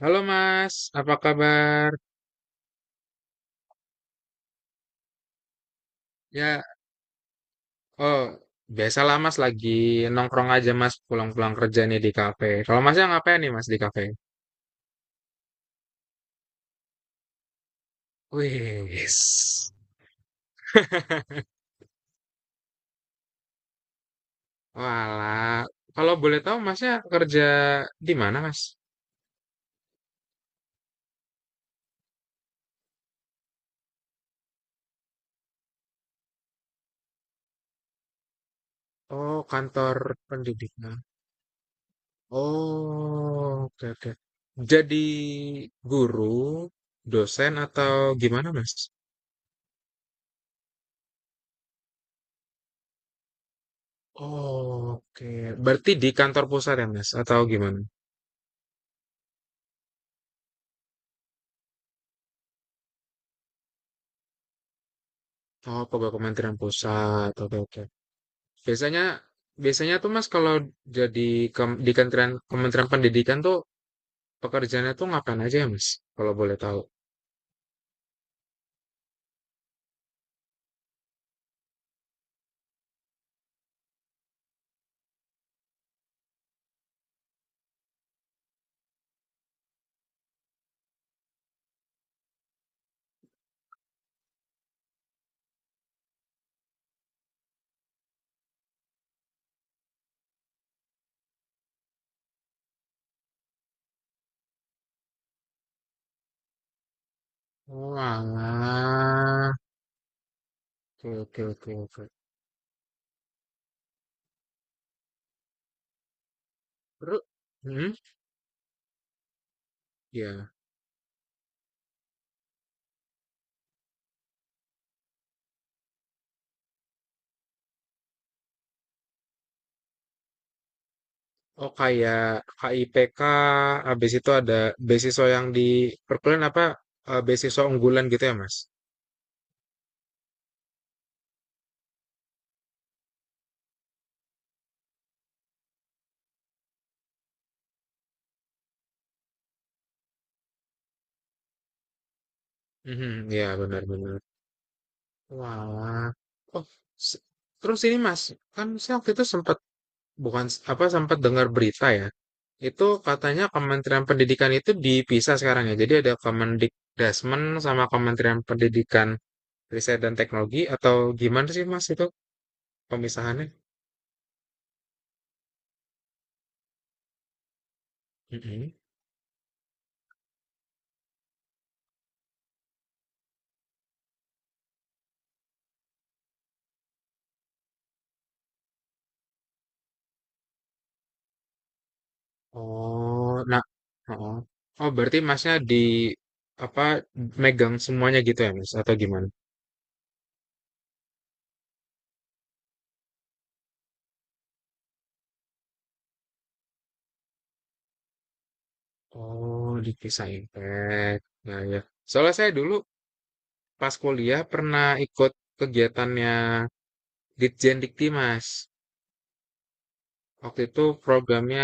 Halo Mas, apa kabar? Ya, oh, biasalah Mas lagi nongkrong aja Mas pulang-pulang kerja nih di kafe. Kalau Masnya ngapain nih Mas di kafe? Wis. Walah, kalau boleh tahu Masnya kerja di mana Mas? Oh, kantor pendidikan. Oh, oke oke. Jadi guru, dosen atau gimana Mas? Oh, oke. Berarti di kantor pusat ya Mas atau gimana? Oh, pegawai Kementerian Pusat. Oke, oke. Biasanya biasanya tuh Mas kalau jadi di Kementerian Kementerian Pendidikan tuh pekerjaannya tuh ngapain aja ya, Mas? Kalau boleh tahu. Wah, oke oke oke oke. Terus, hmm, ya. Oh kayak KIPK, habis itu ada beasiswa yang di perkuliahan apa beasiswa unggulan gitu ya Mas? Mhm, ya benar-benar. Wah, oh se- terus ini Mas, kan saya waktu itu sempat bukan apa sempat dengar berita ya. Itu katanya Kementerian Pendidikan itu dipisah sekarang ya. Jadi ada Kemendikdasmen sama Kementerian Pendidikan Riset dan Teknologi atau gimana sih Mas itu pemisahannya? Mm-mm. Oh, nah, oh, oh berarti Masnya di apa megang semuanya gitu ya Mas atau gimana? Oh, dipisah impact. Nah ya, soalnya saya dulu pas kuliah pernah ikut kegiatannya Ditjen Dikti Mas. Waktu itu programnya,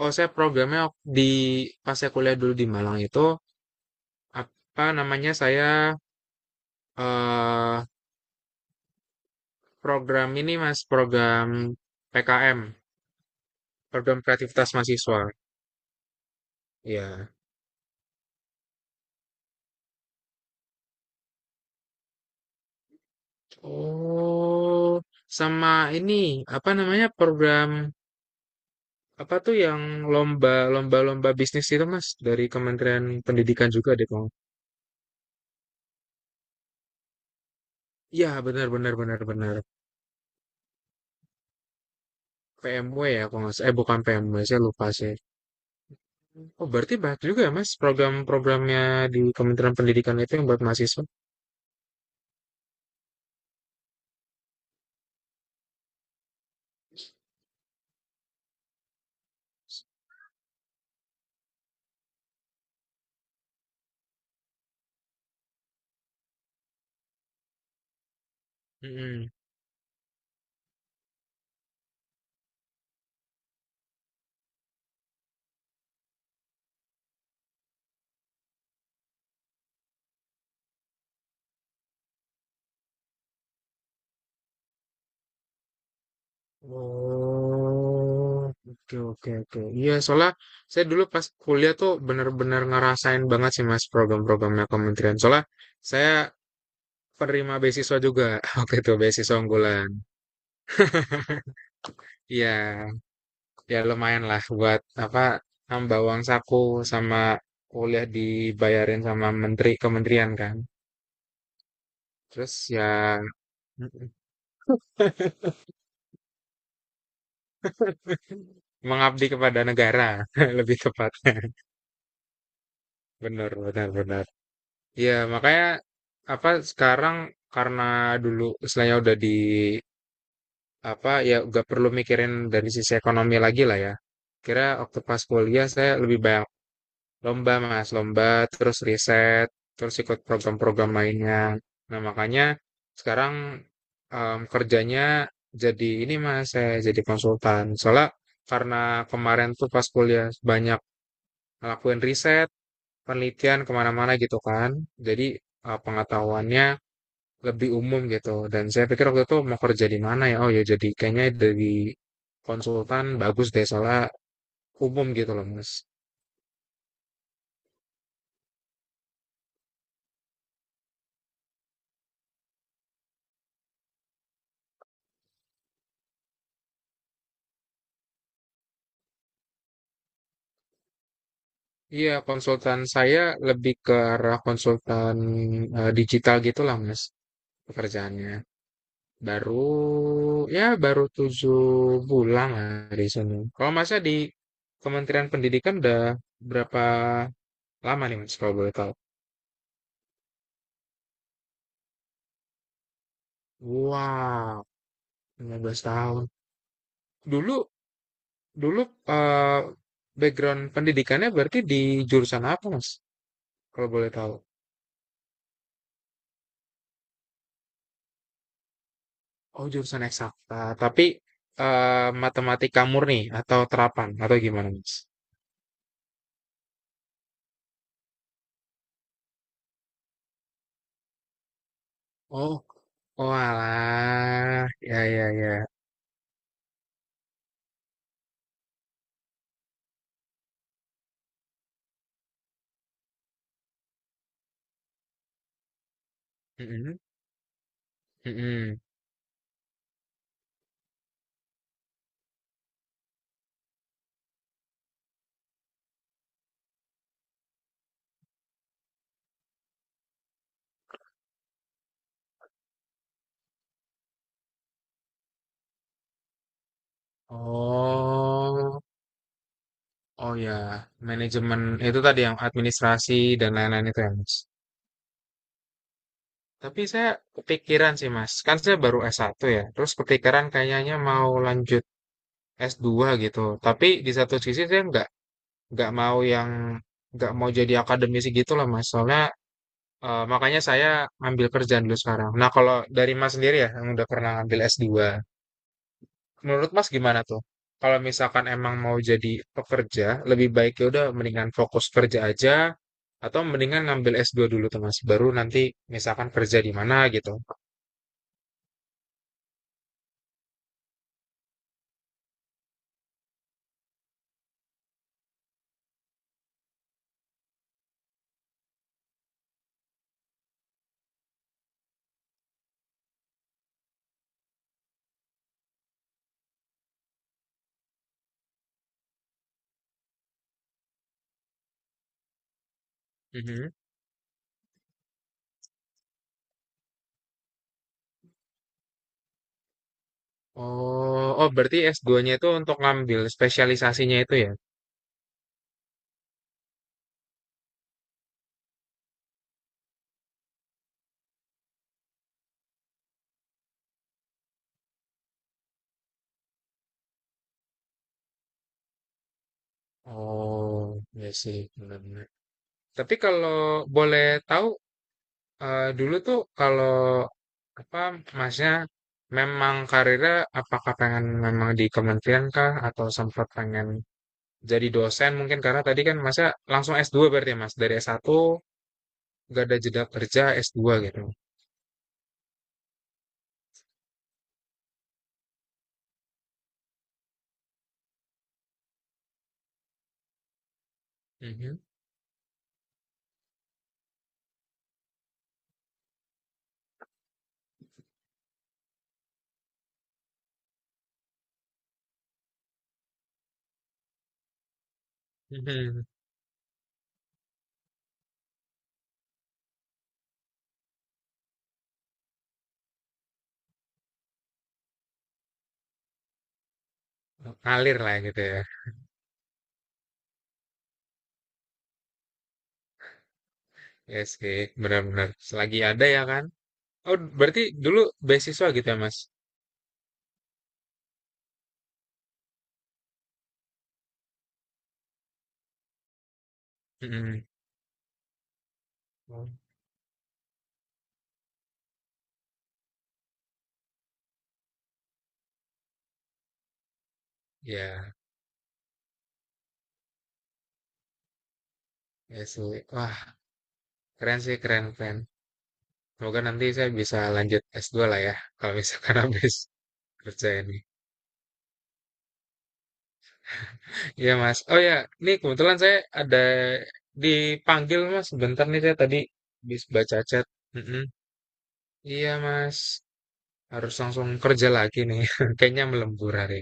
oh saya programnya di pas saya kuliah dulu di Malang itu apa namanya saya eh program ini mas program PKM, program kreativitas mahasiswa. Ya. Oh, sama ini apa namanya program apa tuh yang lomba lomba lomba bisnis itu mas dari Kementerian Pendidikan juga deh kalau. Ya benar benar benar benar. PMW ya kalau nggak salah. Eh bukan PMW saya lupa sih. Oh, berarti banyak juga ya, Mas, program-programnya di Kementerian Pendidikan itu yang buat mahasiswa. Mm-mm. Oh, oke, oke, oke. Iya, soalnya saya dulu pas kuliah tuh bener-bener ngerasain banget sih, Mas, program-programnya Kementerian. Soalnya saya penerima beasiswa juga waktu itu, beasiswa unggulan. Iya, ya lumayan lah buat apa nambah uang saku sama kuliah dibayarin sama menteri kementerian kan. Terus ya, mengabdi kepada negara lebih tepatnya benar benar benar. Ya makanya apa sekarang, karena dulu istilahnya udah di apa ya, gak perlu mikirin dari sisi ekonomi lagi lah ya, kira waktu pas kuliah saya lebih banyak lomba mas lomba, terus riset, terus ikut program-program lainnya. Nah makanya sekarang kerjanya jadi ini mas, saya jadi konsultan, soalnya karena kemarin tuh pas kuliah banyak ngelakuin riset penelitian kemana-mana gitu kan. Jadi pengetahuannya lebih umum gitu. Dan saya pikir waktu itu mau kerja di mana ya? Oh ya jadi kayaknya dari konsultan bagus deh soalnya umum gitu loh Mas. Iya konsultan saya lebih ke arah konsultan digital gitulah Mas pekerjaannya. Baru ya baru 7 bulan lah di sini. Kalau Masnya di Kementerian Pendidikan udah berapa lama nih Mas kalau boleh tahu? Wow, 15 tahun. Dulu dulu eh, background pendidikannya berarti di jurusan apa, Mas? Kalau boleh tahu. Oh, jurusan eksakta, tapi matematika murni atau terapan atau gimana, Mas? Oh, oh alah. Ya ya ya. Mm-mm, mm-mm. Oh, oh ya, manajemen itu tadi yang administrasi dan lain-lain itu ya, Mas. Tapi saya kepikiran sih, Mas. Kan saya baru S1 ya. Terus kepikiran kayaknya mau lanjut S2 gitu. Tapi di satu sisi saya nggak mau yang nggak mau jadi akademisi gitu lah Mas. Soalnya makanya saya ambil kerjaan dulu sekarang. Nah, kalau dari Mas sendiri ya yang udah pernah ambil S2, menurut Mas gimana tuh? Kalau misalkan emang mau jadi pekerja, lebih baik ya udah mendingan fokus kerja aja atau mendingan ngambil S2 dulu tuh Mas, baru nanti misalkan kerja di mana gitu. Mhm. Oh, berarti S2-nya itu untuk ngambil spesialisasinya itu ya? Oh, ya sih, benar-benar. Tapi kalau boleh tahu, dulu tuh kalau apa masnya memang karirnya apakah pengen memang di kementerian kah atau sempat pengen jadi dosen mungkin karena tadi kan masnya langsung S2 berarti ya, Mas. Dari s satu gak ada jeda kerja S2 gitu. Mhm. Mhm. Ngalir lah gitu ya. Ya sih, benar-benar. Selagi ada ya kan. Oh, berarti dulu beasiswa gitu ya, Mas. Mhm. Oh, ya. Iya sih. Wah, keren sih, keren, keren. Semoga nanti saya bisa lanjut S2 lah ya, kalau misalkan habis kerja ini. Iya, Mas. Oh ya, ini kebetulan saya ada dipanggil, Mas. Bentar nih saya tadi habis baca chat. Mm-mm. Iya, Mas. Harus langsung kerja lagi nih. Kayaknya melembur hari